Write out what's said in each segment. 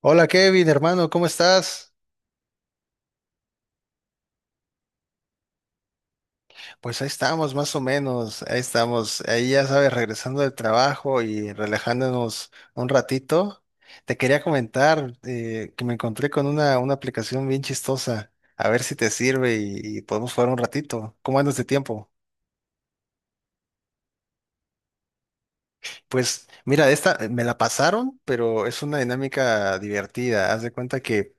Hola Kevin, hermano, ¿cómo estás? Pues ahí estamos, más o menos, ahí estamos, ahí ya sabes, regresando del trabajo y relajándonos un ratito. Te quería comentar que me encontré con una aplicación bien chistosa, a ver si te sirve y podemos jugar un ratito. ¿Cómo andas de tiempo? Pues mira, esta me la pasaron, pero es una dinámica divertida. Haz de cuenta que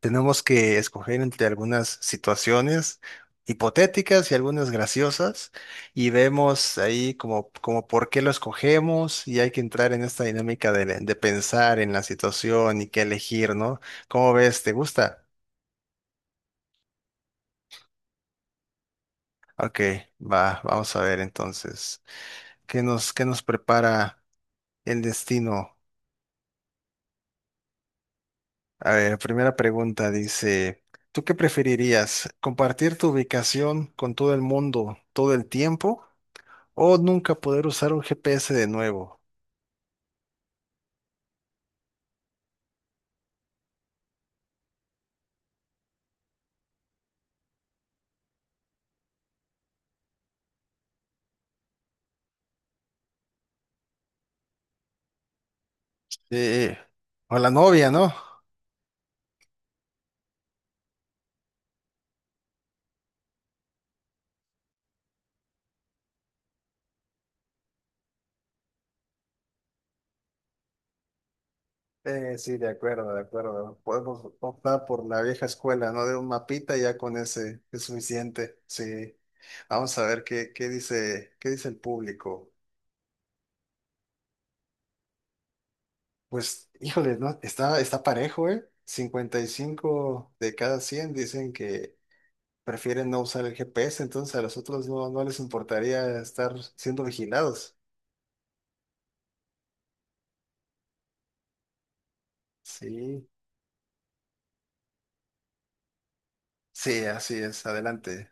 tenemos que escoger entre algunas situaciones hipotéticas y algunas graciosas y vemos ahí como por qué lo escogemos y hay que entrar en esta dinámica de pensar en la situación y qué elegir, ¿no? ¿Cómo ves? ¿Te gusta? Ok, vamos a ver entonces. ¿Qué nos prepara el destino? A ver, primera pregunta dice, ¿tú qué preferirías? ¿Compartir tu ubicación con todo el mundo todo el tiempo? ¿O nunca poder usar un GPS de nuevo? Sí. O la novia, ¿no? Sí, de acuerdo, de acuerdo. Podemos optar por la vieja escuela, ¿no? De un mapita ya con ese es suficiente. Sí. Vamos a ver qué dice el público. Pues, híjole, ¿no? Está, está parejo, ¿eh? 55 de cada 100 dicen que prefieren no usar el GPS, entonces a los otros no, no les importaría estar siendo vigilados. Sí, sí, así es. Adelante.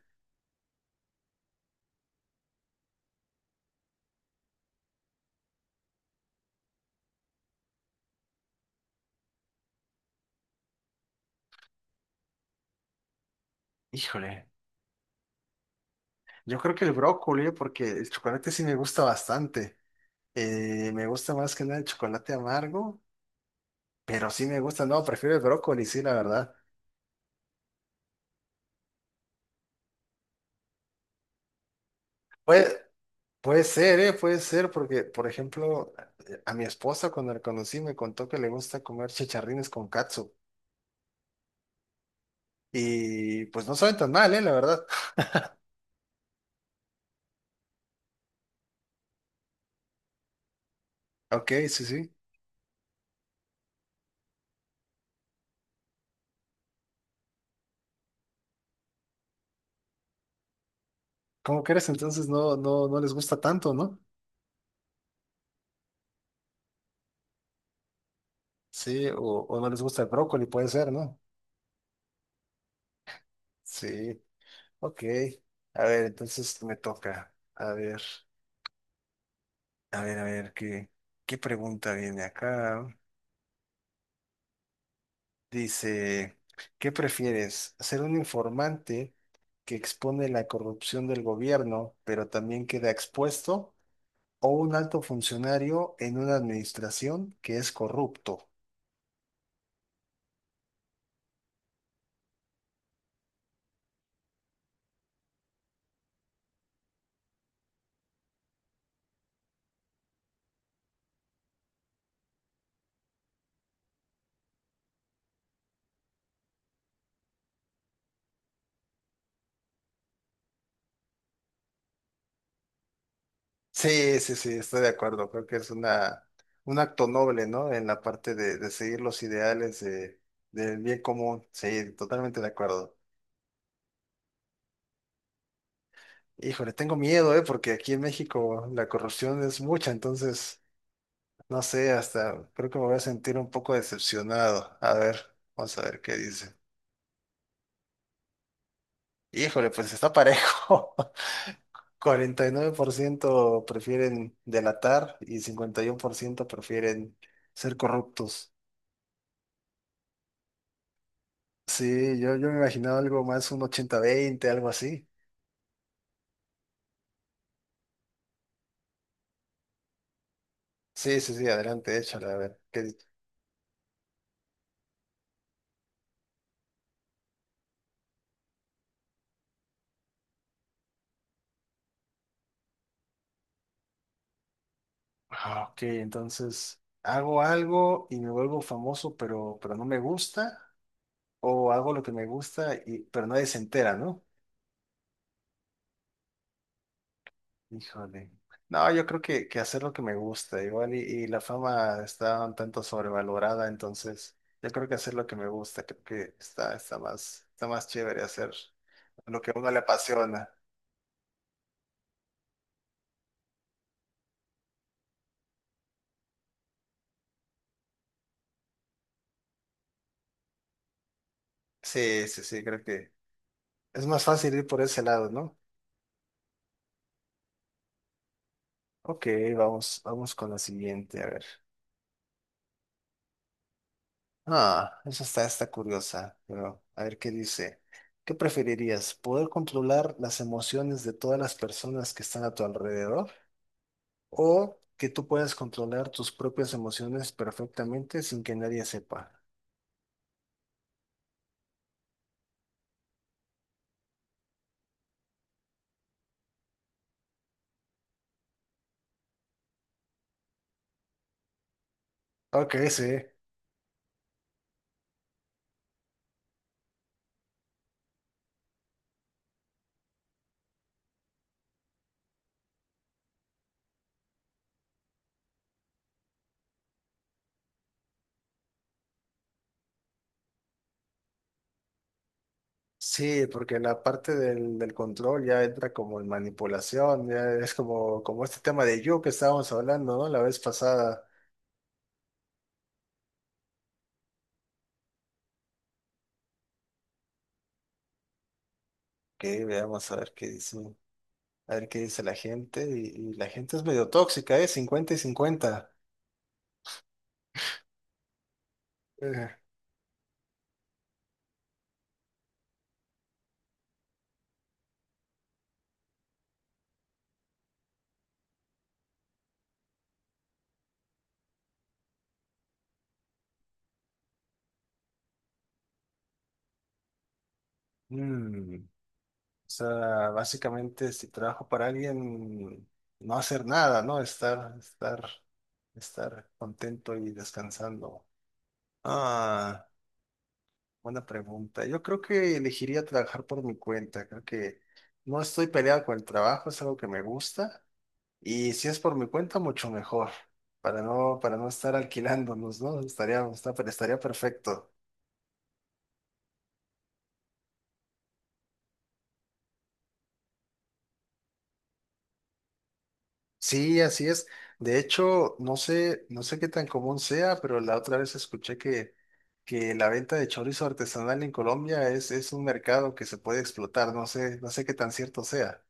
Híjole, yo creo que el brócoli, porque el chocolate sí me gusta bastante. Me gusta más que nada el chocolate amargo, pero sí me gusta, no, prefiero el brócoli, sí, la verdad. Puede, puede ser, ¿eh? Puede ser, porque, por ejemplo, a mi esposa cuando la conocí me contó que le gusta comer chicharrines con katsu. Y pues no saben tan mal, ¿eh? La verdad. Ok, sí, sí. ¿Cómo crees? Entonces no, no, no les gusta tanto, ¿no? Sí, o no les gusta el brócoli, puede ser, ¿no? Sí. Ok, a ver, entonces me toca. A ver, a ver, a ver, ¿qué pregunta viene acá? Dice, ¿qué prefieres? ¿Ser un informante que expone la corrupción del gobierno, pero también queda expuesto? ¿O un alto funcionario en una administración que es corrupto? Sí, sí, sí, estoy de acuerdo. Creo que es un acto noble, ¿no? En la parte de seguir los ideales del bien común. Sí, totalmente de acuerdo. Híjole, tengo miedo, ¿eh? Porque aquí en México la corrupción es mucha, entonces, no sé, hasta creo que me voy a sentir un poco decepcionado. A ver, vamos a ver qué dice. Híjole, pues está parejo. 49% prefieren delatar y 51% prefieren ser corruptos. Sí, yo me imaginaba algo más, un 80-20, algo así. Sí, sí, sí, adelante, échale, a ver. ¿Qué dice? Ah, ok, entonces hago algo y me vuelvo famoso, pero no me gusta. O hago lo que me gusta, pero nadie se entera, ¿no? Híjole. No, yo creo que hacer lo que me gusta, igual y la fama está un tanto sobrevalorada, entonces yo creo que hacer lo que me gusta, creo que está más chévere hacer lo que a uno le apasiona. Sí, sí, sí, creo que es más fácil ir por ese lado, ¿no? Ok, vamos con la siguiente, a ver. Ah, esa está curiosa, pero a ver qué dice. ¿Qué preferirías? ¿Poder controlar las emociones de todas las personas que están a tu alrededor? ¿O que tú puedas controlar tus propias emociones perfectamente sin que nadie sepa? Ok, sí. Sí, porque la parte del control ya entra como en manipulación, ya es como este tema de yo que estábamos hablando, ¿no? La vez pasada. Ok, veamos a ver qué dice. A ver qué dice la gente. Y la gente es medio tóxica, ¿eh? 50-50. Eh, mm, O sea básicamente si trabajo para alguien, no hacer nada, ¿no? Estar contento y descansando. Ah, buena pregunta. Yo creo que elegiría trabajar por mi cuenta. Creo que no estoy peleado con el trabajo, es algo que me gusta. Y si es por mi cuenta, mucho mejor. Para no estar alquilándonos, ¿no? Estaría, está- estaría perfecto. Sí, así es. De hecho, no sé qué tan común sea, pero la otra vez escuché que la venta de chorizo artesanal en Colombia es un mercado que se puede explotar. No sé qué tan cierto sea.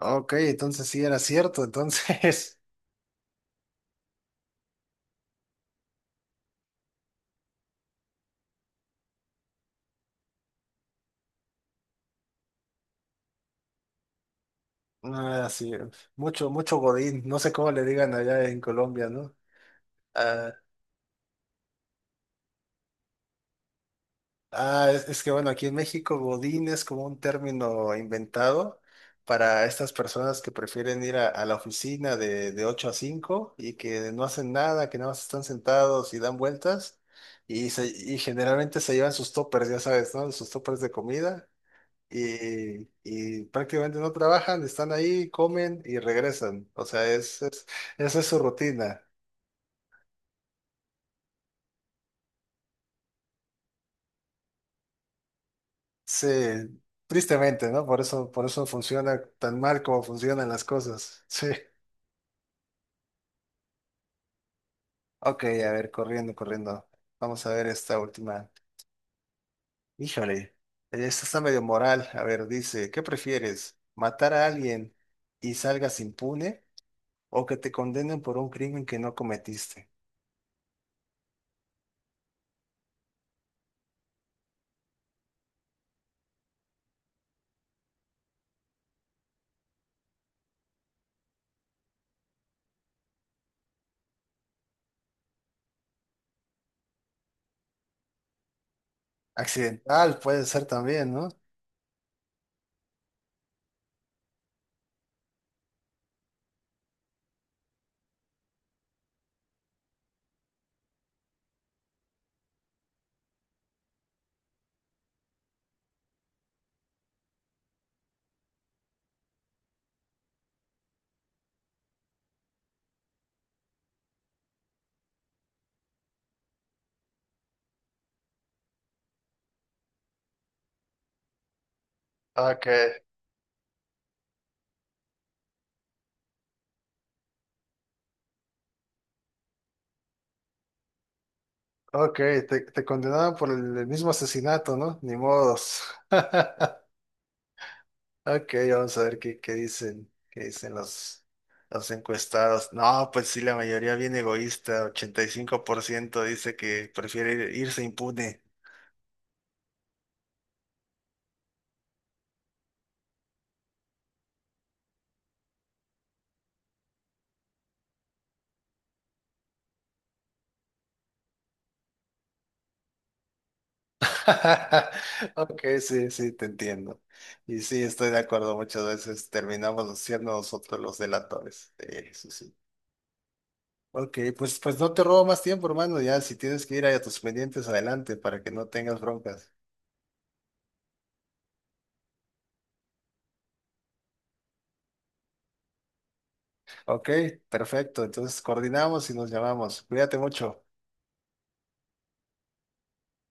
Ok, entonces sí era cierto. Entonces, así, mucho, mucho godín. No sé cómo le digan allá en Colombia, ¿no? Ah, es que bueno, aquí en México godín es como un término inventado para estas personas que prefieren ir a la oficina de 8 a 5 y que no hacen nada, que nada más están sentados y dan vueltas y generalmente se llevan sus toppers, ya sabes, ¿no? Sus toppers de comida y prácticamente no trabajan, están ahí, comen y regresan. O sea, esa es su rutina. Sí, tristemente, ¿no? Por eso funciona tan mal como funcionan las cosas. Sí. Ok, a ver, corriendo, corriendo. Vamos a ver esta última. Híjole, esta está medio moral. A ver, dice, ¿qué prefieres? ¿Matar a alguien y salgas impune o que te condenen por un crimen que no cometiste? Accidental puede ser también, ¿no? Ok, ok, te condenaron por el mismo asesinato, ¿no? Ni modos. Ok, vamos a ver qué dicen los encuestados. No, pues sí, la mayoría bien egoísta, 85% dice que prefiere irse impune. Ok, sí, sí, te entiendo. Y sí, estoy de acuerdo, muchas veces terminamos siendo nosotros los delatores. Eso sí. Ok, pues no te robo más tiempo, hermano, ya si tienes que ir a tus pendientes, adelante, para que no tengas broncas. Ok, perfecto, entonces coordinamos y nos llamamos. Cuídate mucho.